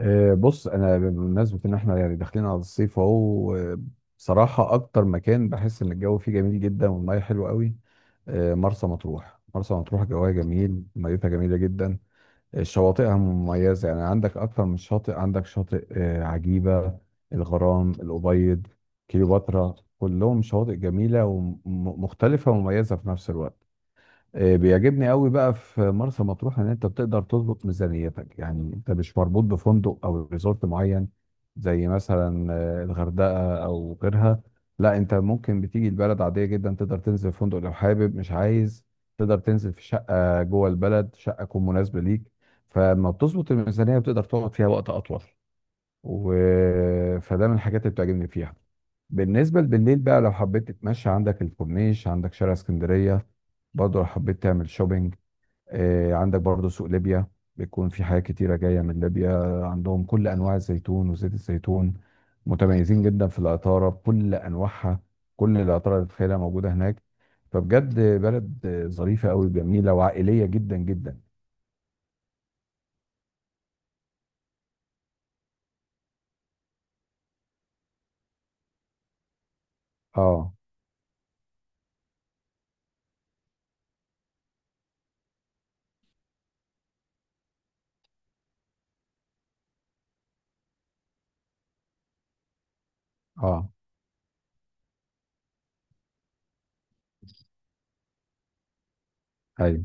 بص انا بمناسبه ان احنا يعني داخلين على الصيف اهو بصراحه اكتر مكان بحس ان الجو فيه جميل جدا والميه حلوه قوي. مرسى مطروح، جواها جميل، ميتها جميله جدا. شواطئها مميزه، يعني عندك اكتر من شاطئ، عندك شاطئ عجيبه، الغرام الابيض، كليوباترا، كلهم شواطئ جميله ومختلفه ومميزه في نفس الوقت. بيعجبني قوي بقى في مرسى مطروح ان انت بتقدر تظبط ميزانيتك، يعني انت مش مربوط بفندق او ريزورت معين زي مثلا الغردقه او غيرها. لا، انت ممكن بتيجي البلد عاديه جدا، تقدر تنزل في فندق لو حابب، مش عايز تقدر تنزل في شقه جوه البلد، شقه تكون مناسبه ليك. فلما بتظبط الميزانيه بتقدر تقعد فيها وقت اطول و... فده من الحاجات اللي بتعجبني فيها. بالنسبة بالليل بقى لو حبيت تتمشى، عندك الكورنيش، عندك شارع اسكندرية. برضه لو حبيت تعمل شوبينج، عندك برضه سوق ليبيا، بيكون في حاجات كتيرة جاية من ليبيا. عندهم كل أنواع الزيتون وزيت الزيتون، متميزين جدا في العطارة بكل أنواعها، كل العطارة اللي تتخيلها موجودة هناك. فبجد بلد ظريفة أوي، جميلة وعائلية جدا جدا. اه. اه. ايوه.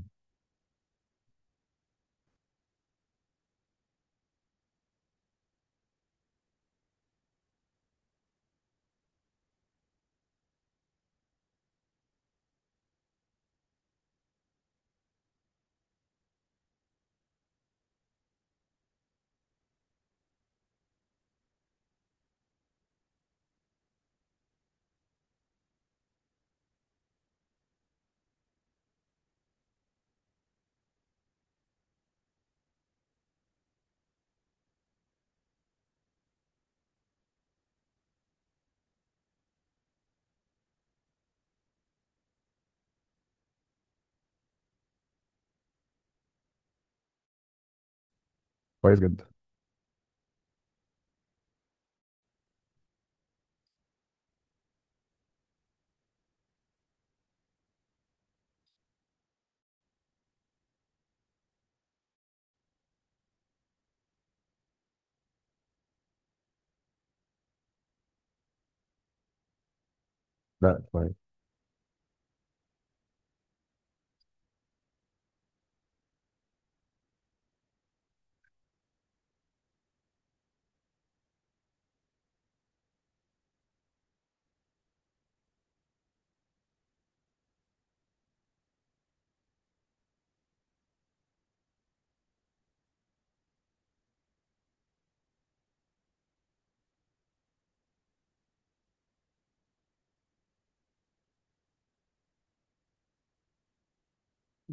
كويس جدا. لا، كويس.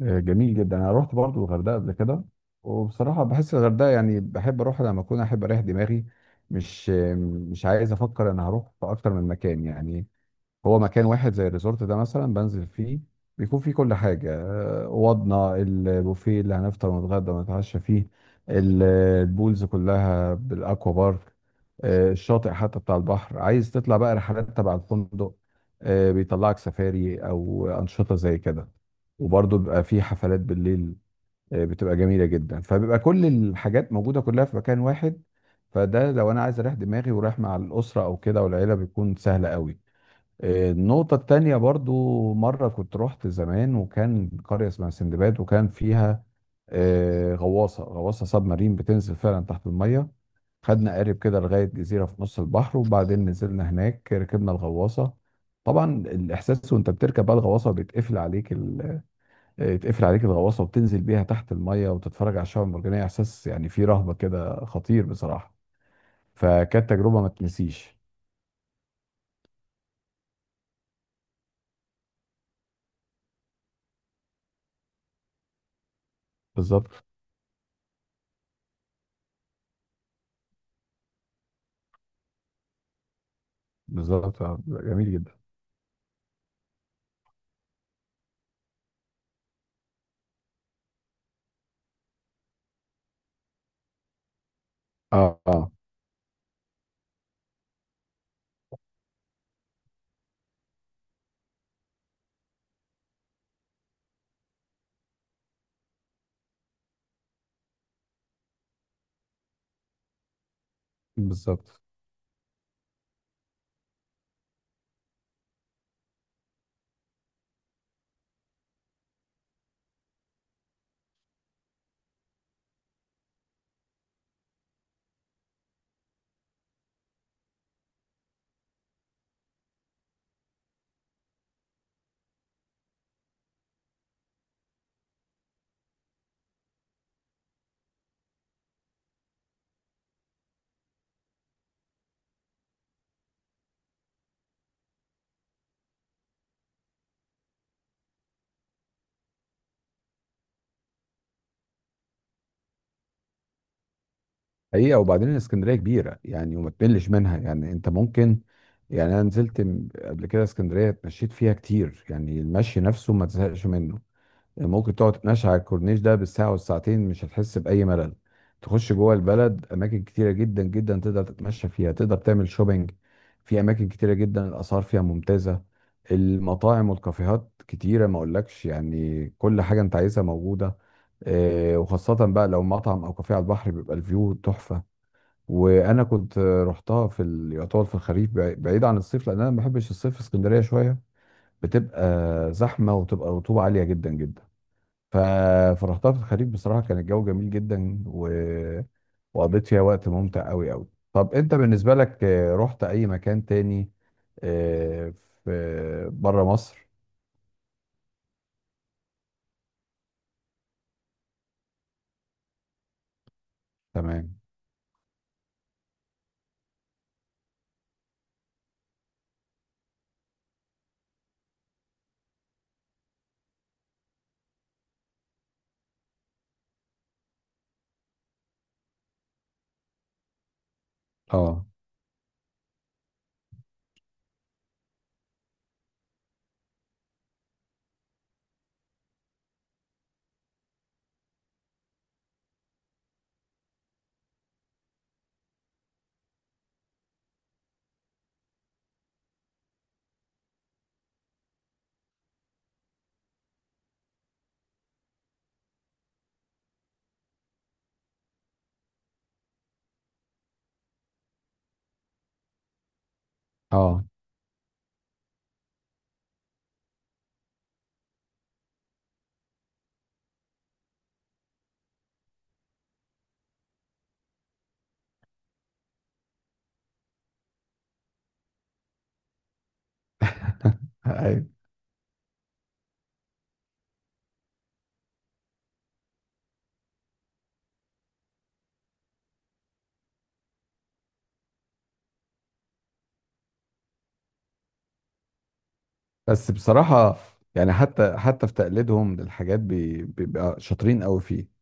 جميل جدا، انا رحت برضو الغردقه قبل كده، وبصراحه بحس الغردقه يعني بحب اروح لما اكون احب اريح دماغي. مش آه، مش عايز افكر انا هروح في اكتر من مكان، يعني هو مكان واحد زي الريزورت ده مثلا بنزل فيه، بيكون فيه كل حاجة. اوضنا، البوفيه اللي هنفطر ونتغدى ونتعشى فيه، ال- البولز كلها، بالاكوا بارك، الشاطئ حتى بتاع البحر. عايز تطلع بقى رحلات تبع الفندق، بيطلعك سفاري او انشطة زي كده. وبرضه بيبقى فيه حفلات بالليل بتبقى جميلة جدا، فبيبقى كل الحاجات موجودة كلها في مكان واحد. فده لو انا عايز اريح دماغي ورايح مع الاسرة او كده والعيلة بيكون سهل قوي. النقطة التانية، برضو مرة كنت رحت زمان وكان قرية اسمها سندباد، وكان فيها غواصة سب مارين بتنزل فعلا تحت المية. خدنا قارب كده لغاية جزيرة في نص البحر، وبعدين نزلنا هناك ركبنا الغواصة. طبعا الإحساس وأنت بتركب بقى الغواصة، بيتقفل عليك ال... آه، يتقفل عليك الغواصة، وبتنزل بيها تحت المية وتتفرج على الشعاب المرجانية. إحساس يعني فيه رهبة كده، خطير بصراحة، فكانت تجربة ما تنسيش. بالظبط. بالظبط، جميل جدا. اه. آه. بالظبط. حقيقة، وبعدين اسكندرية كبيرة يعني وما تملش منها. يعني انت ممكن، يعني انا نزلت قبل كده اسكندرية اتمشيت فيها كتير، يعني المشي نفسه ما تزهقش منه. يعني ممكن تقعد تتمشى على الكورنيش ده بالساعة والساعتين، مش هتحس بأي ملل. تخش جوه البلد أماكن كتيرة جدا جدا تقدر تتمشى فيها، تقدر تعمل شوبينج في أماكن كتيرة جدا، الأسعار فيها ممتازة. المطاعم والكافيهات كتيرة ما أقولكش، يعني كل حاجة أنت عايزها موجودة. وخاصة بقى لو مطعم أو كافيه على البحر، بيبقى الفيو تحفة. وأنا كنت رحتها في يعتبر في الخريف، بعيد عن الصيف، لأن أنا ما بحبش الصيف في اسكندرية شوية. بتبقى زحمة وتبقى رطوبة عالية جدا جدا. ف... فرحتها في الخريف، بصراحة كان الجو جميل جدا وقضيت فيها وقت ممتع قوي قوي. طب انت بالنسبة لك رحت اي مكان تاني آه، في بره مصر؟ تمام. اه. اه. ايوه. بس بصراحة يعني، حتى في تقليدهم للحاجات بيبقى شاطرين قوي فيه.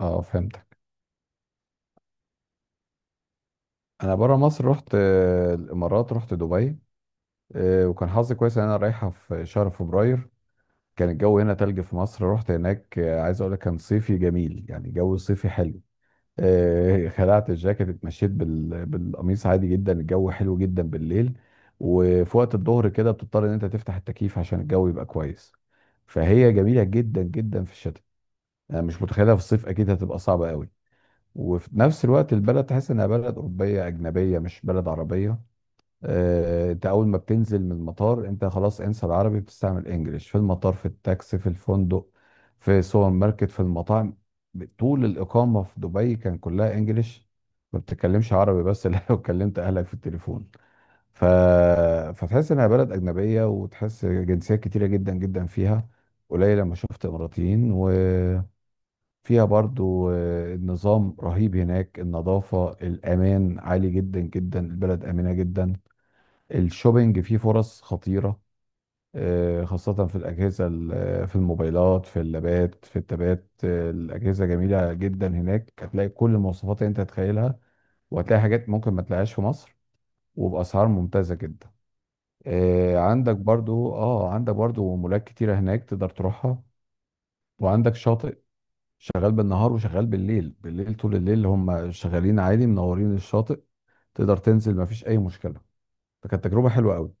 اه، فهمتك. انا بره مصر رحت الامارات، رحت دبي. وكان حظي كويس ان انا رايحة في شهر فبراير. كان الجو هنا تلج في مصر، رحت هناك عايز اقول لك كان صيفي جميل، يعني جو صيفي حلو. خلعت الجاكيت، اتمشيت بالقميص عادي جدا، الجو حلو جدا بالليل. وفي وقت الظهر كده بتضطر ان انت تفتح التكييف عشان الجو يبقى كويس. فهي جميلة جدا جدا في الشتاء، انا مش متخيلها في الصيف، اكيد هتبقى صعبة قوي. وفي نفس الوقت البلد تحس انها بلد اوروبية اجنبية مش بلد عربية. انت اول ما بتنزل من المطار انت خلاص انسى العربي، بتستعمل انجليش في المطار، في التاكسي، في الفندق، في السوبر ماركت، في المطاعم. طول الاقامه في دبي كان كلها انجليش، ما بتتكلمش عربي بس الا لو كلمت اهلك في التليفون. ف... فتحس انها بلد اجنبيه، وتحس جنسيات كتيره جدا جدا فيها، قليل لما شفت اماراتيين. وفيها برضو النظام رهيب هناك، النظافه، الامان عالي جدا جدا، البلد امنه جدا. الشوبينج فيه فرص خطيرة خاصة في الأجهزة، في الموبايلات، في اللابات، في التابات. الأجهزة جميلة جدا هناك، هتلاقي كل المواصفات اللي أنت تتخيلها، وهتلاقي حاجات ممكن ما تلاقيهاش في مصر، وبأسعار ممتازة جدا. عندك برضو، اه عندك برضو مولات كتيرة هناك تقدر تروحها. وعندك شاطئ شغال بالنهار وشغال بالليل، بالليل طول الليل هم شغالين عادي منورين الشاطئ، تقدر تنزل مفيش أي مشكلة. فكانت تجربة حلوة قوي.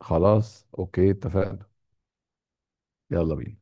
خلاص، اوكي، اتفقنا. يلا بينا.